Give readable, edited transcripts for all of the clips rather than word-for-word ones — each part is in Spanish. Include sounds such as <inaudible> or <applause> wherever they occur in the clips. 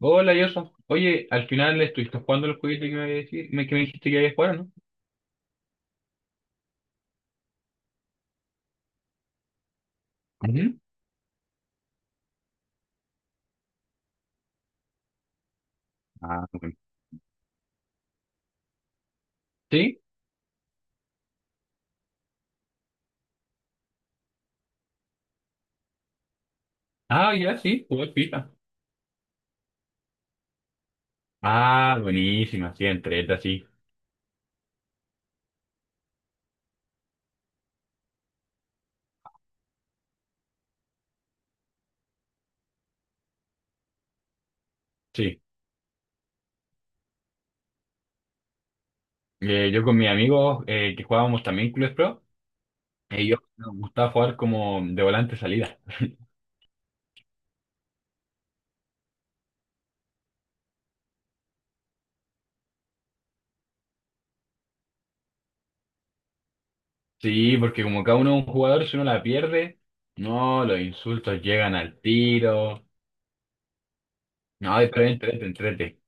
Hola, Yosa. Oye, al final estuviste jugando el jueguito que me, había dici- me- que me dijiste que había jugado, ¿no? Ujú. ¿Sí? Ah, ya, sí, jugué FIFA. Ah, buenísima, sí, entreta, sí. Sí. Yo con mis amigos que jugábamos también Clubes Pro, ellos nos gustaba jugar como de volante salida. Sí, porque como cada uno es un jugador, si uno la pierde, no, los insultos llegan al tiro. No, pero entrete, entrete.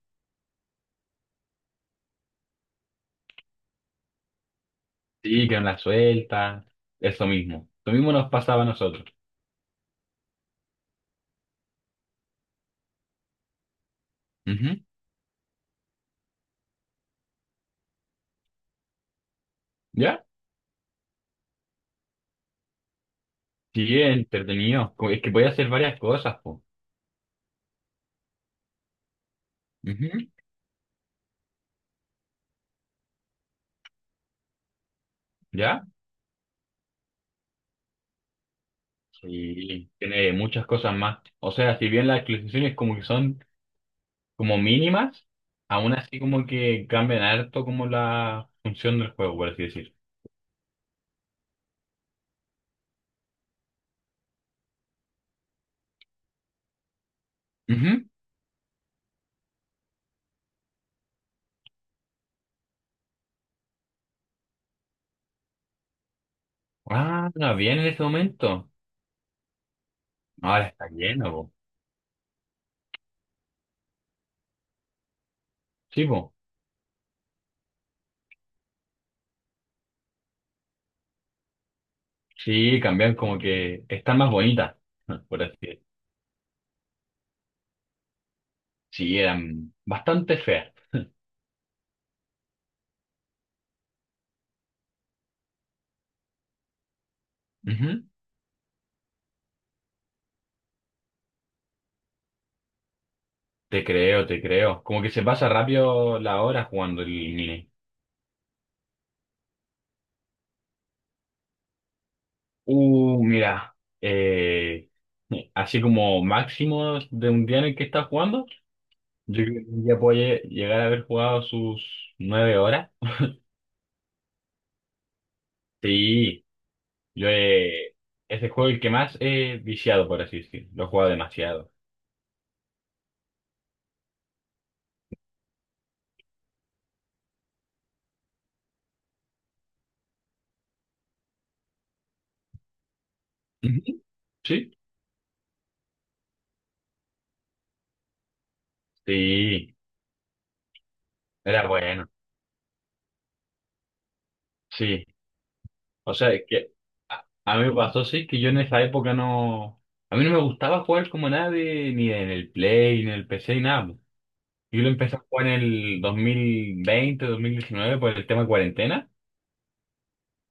Sí, que no la suelta. Eso mismo. Lo mismo nos pasaba a nosotros. Ujú. ¿Ya? Sí, es entretenido. Co- es que puede hacer varias cosas, po. Ujú. ¿Ya? Sí, tiene muchas cosas más. O sea, si bien las actualizaciones como que son como mínimas, aún así como que cambian harto como la función del juego, por así decir. Ujú. Ah, no, bien en ese momento. Ahora está lleno, po. Sí, po. Sí, cambian como que están más bonitas, <laughs> por así decir. Sí, eran bastante feas. Ujú. Te creo, te creo. Como que se pasa rápido la hora jugando el Nine. Mira, eh, así como máximo de un día en el que está jugando, yo creo que un día puede llegar a haber jugado sus 9 horas. Sí, yo es el juego el que más he viciado, por así decirlo. Lo he jugado demasiado. Ujú. ¿Sí? Sí, era bueno. Sí, o sea, es que a mí me pasó, sí, que yo en esa época no... A mí no me gustaba jugar como nadie, ni en el Play, ni en el PC, ni nada. Yo lo empecé a jugar en el 2020, 2019 por el tema cuarentena.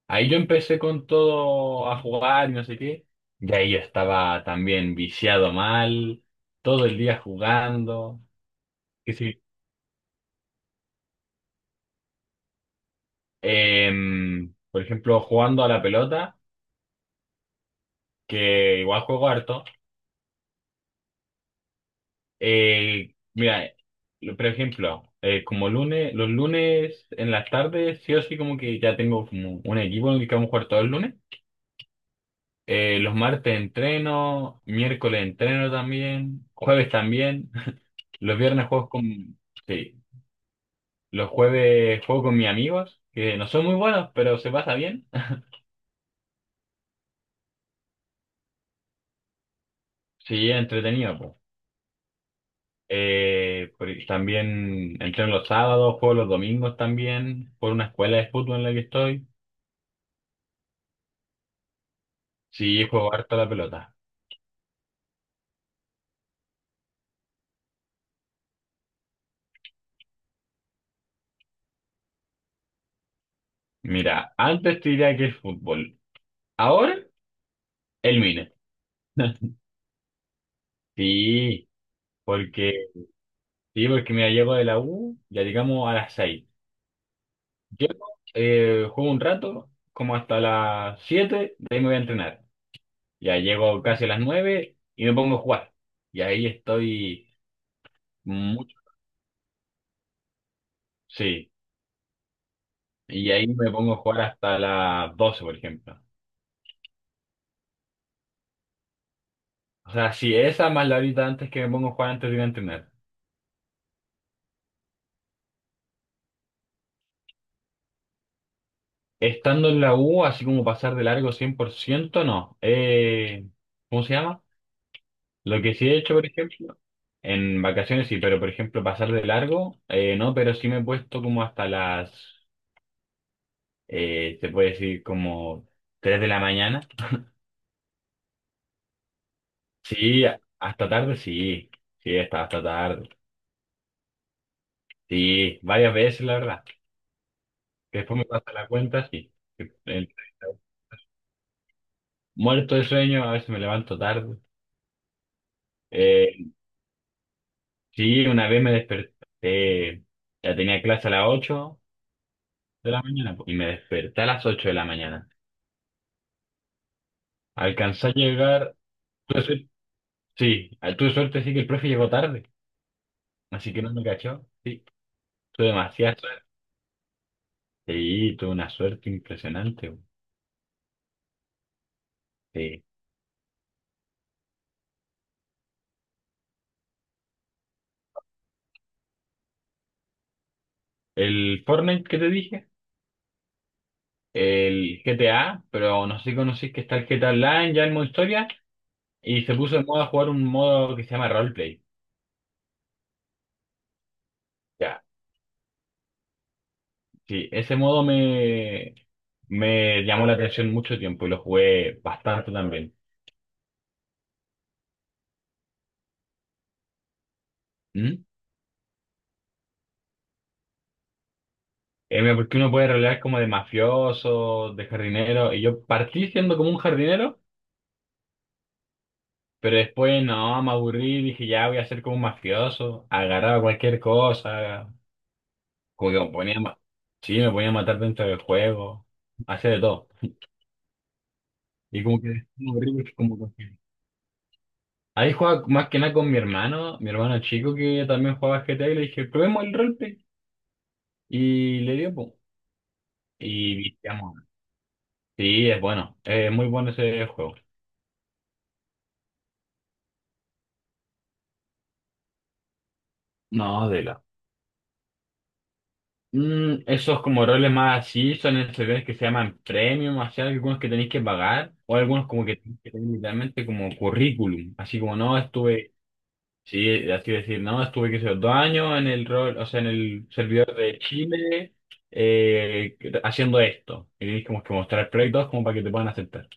Ahí yo empecé con todo a jugar y no sé qué. Y ahí yo estaba también viciado mal, todo el día jugando. Que sí. Por ejemplo, jugando a la pelota, que igual juego harto. Mira, lo- por ejemplo, como lunes, los lunes en las tardes, sí o sí como que ya tengo como un equipo en el que vamos a jugar todos los lunes. Los martes entreno, miércoles entreno también, jueves también. Los viernes juego con... Sí, los jueves juego con mis amigos, que no son muy buenos, pero se pasa bien. <laughs> Sí, es entretenido, pues. Por- también entreno los sábados, juego los domingos también, por una escuela de fútbol en la que estoy. Sí, juego harto a la pelota. Mira, antes te diría que el fútbol, ahora el mine. <laughs> Sí, porque, sí, porque mira, llego de la U, ya llegamos a las 6. Yo juego un rato, como hasta las 7, de ahí me voy a entrenar. Ya llego casi a las 9 y me pongo a jugar. Y ahí estoy mucho, sí. Y ahí me pongo a jugar hasta las 12, por ejemplo. O sea, sí, esa más la horita antes que me pongo a jugar antes de ir a entrenar. Estando en la U, así como pasar de largo 100% no. ¿Cómo se llama? Lo que sí he hecho, por ejemplo, en vacaciones sí, pero por ejemplo pasar de largo, no, pero sí me he puesto como hasta las te puedes ir como 3 de la mañana. Sí, hasta tarde, sí. Sí, hasta tarde. Sí, varias veces, la verdad. Que después me pasa la cuenta, sí. Que- el- muerto de sueño, a veces me levanto tarde. Eh, sí, una vez me desperté, ya tenía clase a las 8 de la mañana po, y me desperté a las 8 de la mañana. Alcancé a llegar, tuve suerte, sí, tuve suerte, sí, que el profe llegó tarde, así que no me cachó, sí, tuve demasiado. Sí, tuve una suerte impresionante, güey. Sí. El Fortnite que te dije, el GTA, pero no sé si conocís que está el GTA Online ya en modo historia y se puso de moda jugar un modo que se llama Roleplay. Ya, sí, ese modo me llamó la atención mucho tiempo y lo jugué bastante también. ¿Mm? Porque uno puede rolear como de mafioso, de jardinero, y yo partí siendo como un jardinero. Pero después no, me aburrí, dije ya voy a ser como un mafioso, agarraba cualquier cosa. Como que me ponía a ma- sí, me ponía a matar dentro del juego. Hacía de todo. Y como que es horrible, como que... Ahí jugaba más que nada con mi hermano chico que también jugaba GTA y le dije, probemos el roleplay. Y le dio, po. Y viciamos. Sí, es bueno. Es muy bueno ese juego. No, de la. Mm, esos como roles más así son en servidores que se llaman premium, así hay algunos que tenéis que pagar, o algunos como que tenéis que tener literalmente como currículum, así como no, estuve. Sí, así decir, no, estuve que sé, 2 años en el rol, o sea, en el servidor de Chile eh, haciendo esto. Y tienes como que mostrar proyectos como para que te puedan aceptar.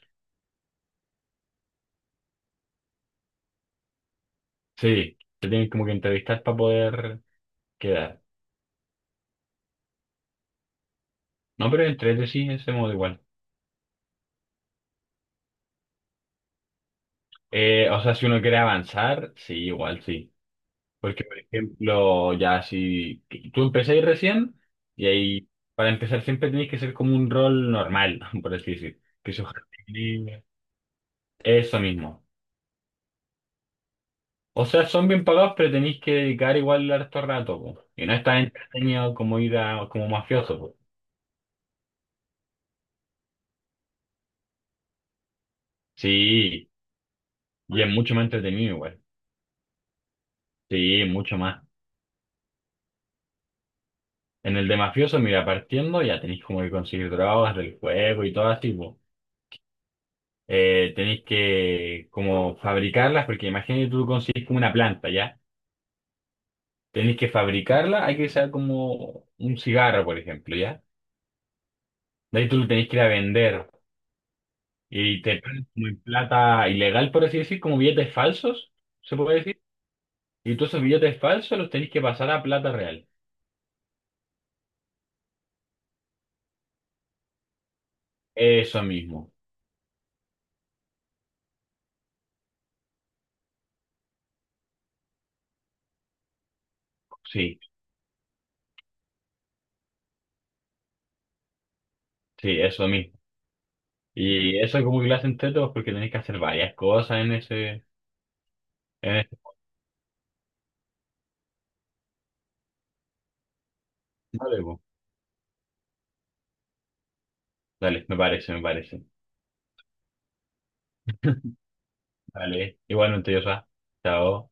Sí, te tienen como que entrevistar para poder quedar. No, pero entre sí, ese modo igual. O sea, si uno quiere avanzar, sí, igual sí. Porque, por ejemplo, ya si tú empezáis recién, y ahí para empezar siempre tenéis que ser como un rol normal, <laughs> por así decir. Que se ojalá- eso mismo. O sea, son bien pagados, pero tenéis que dedicar igual harto rato, po. Y no es tan entretenido como ir a, como mafioso, po. Sí, y es mucho más entretenido igual. Sí, mucho más. En el de mafioso, mira, partiendo ya tenéis como que conseguir drogas del juego y todo así, po. Tenéis que como fabricarlas, porque imagínate tú consigues como una planta, ¿ya? Tenéis que fabricarla, hay que usar como un cigarro, por ejemplo, ¿ya? De ahí tú lo tenéis que ir a vender. Y te pagan como en plata ilegal, por así decir, como billetes falsos, se puede decir. Y todos esos billetes falsos los tenéis que pasar a plata real. Eso mismo. Sí, sí, eso mismo. Y eso es como que lo hacen tetos porque tenéis que hacer varias cosas en ese, en ese. Vale, pues. Dale, me parece, me parece. Dale, igualmente yo, Sa. Chao.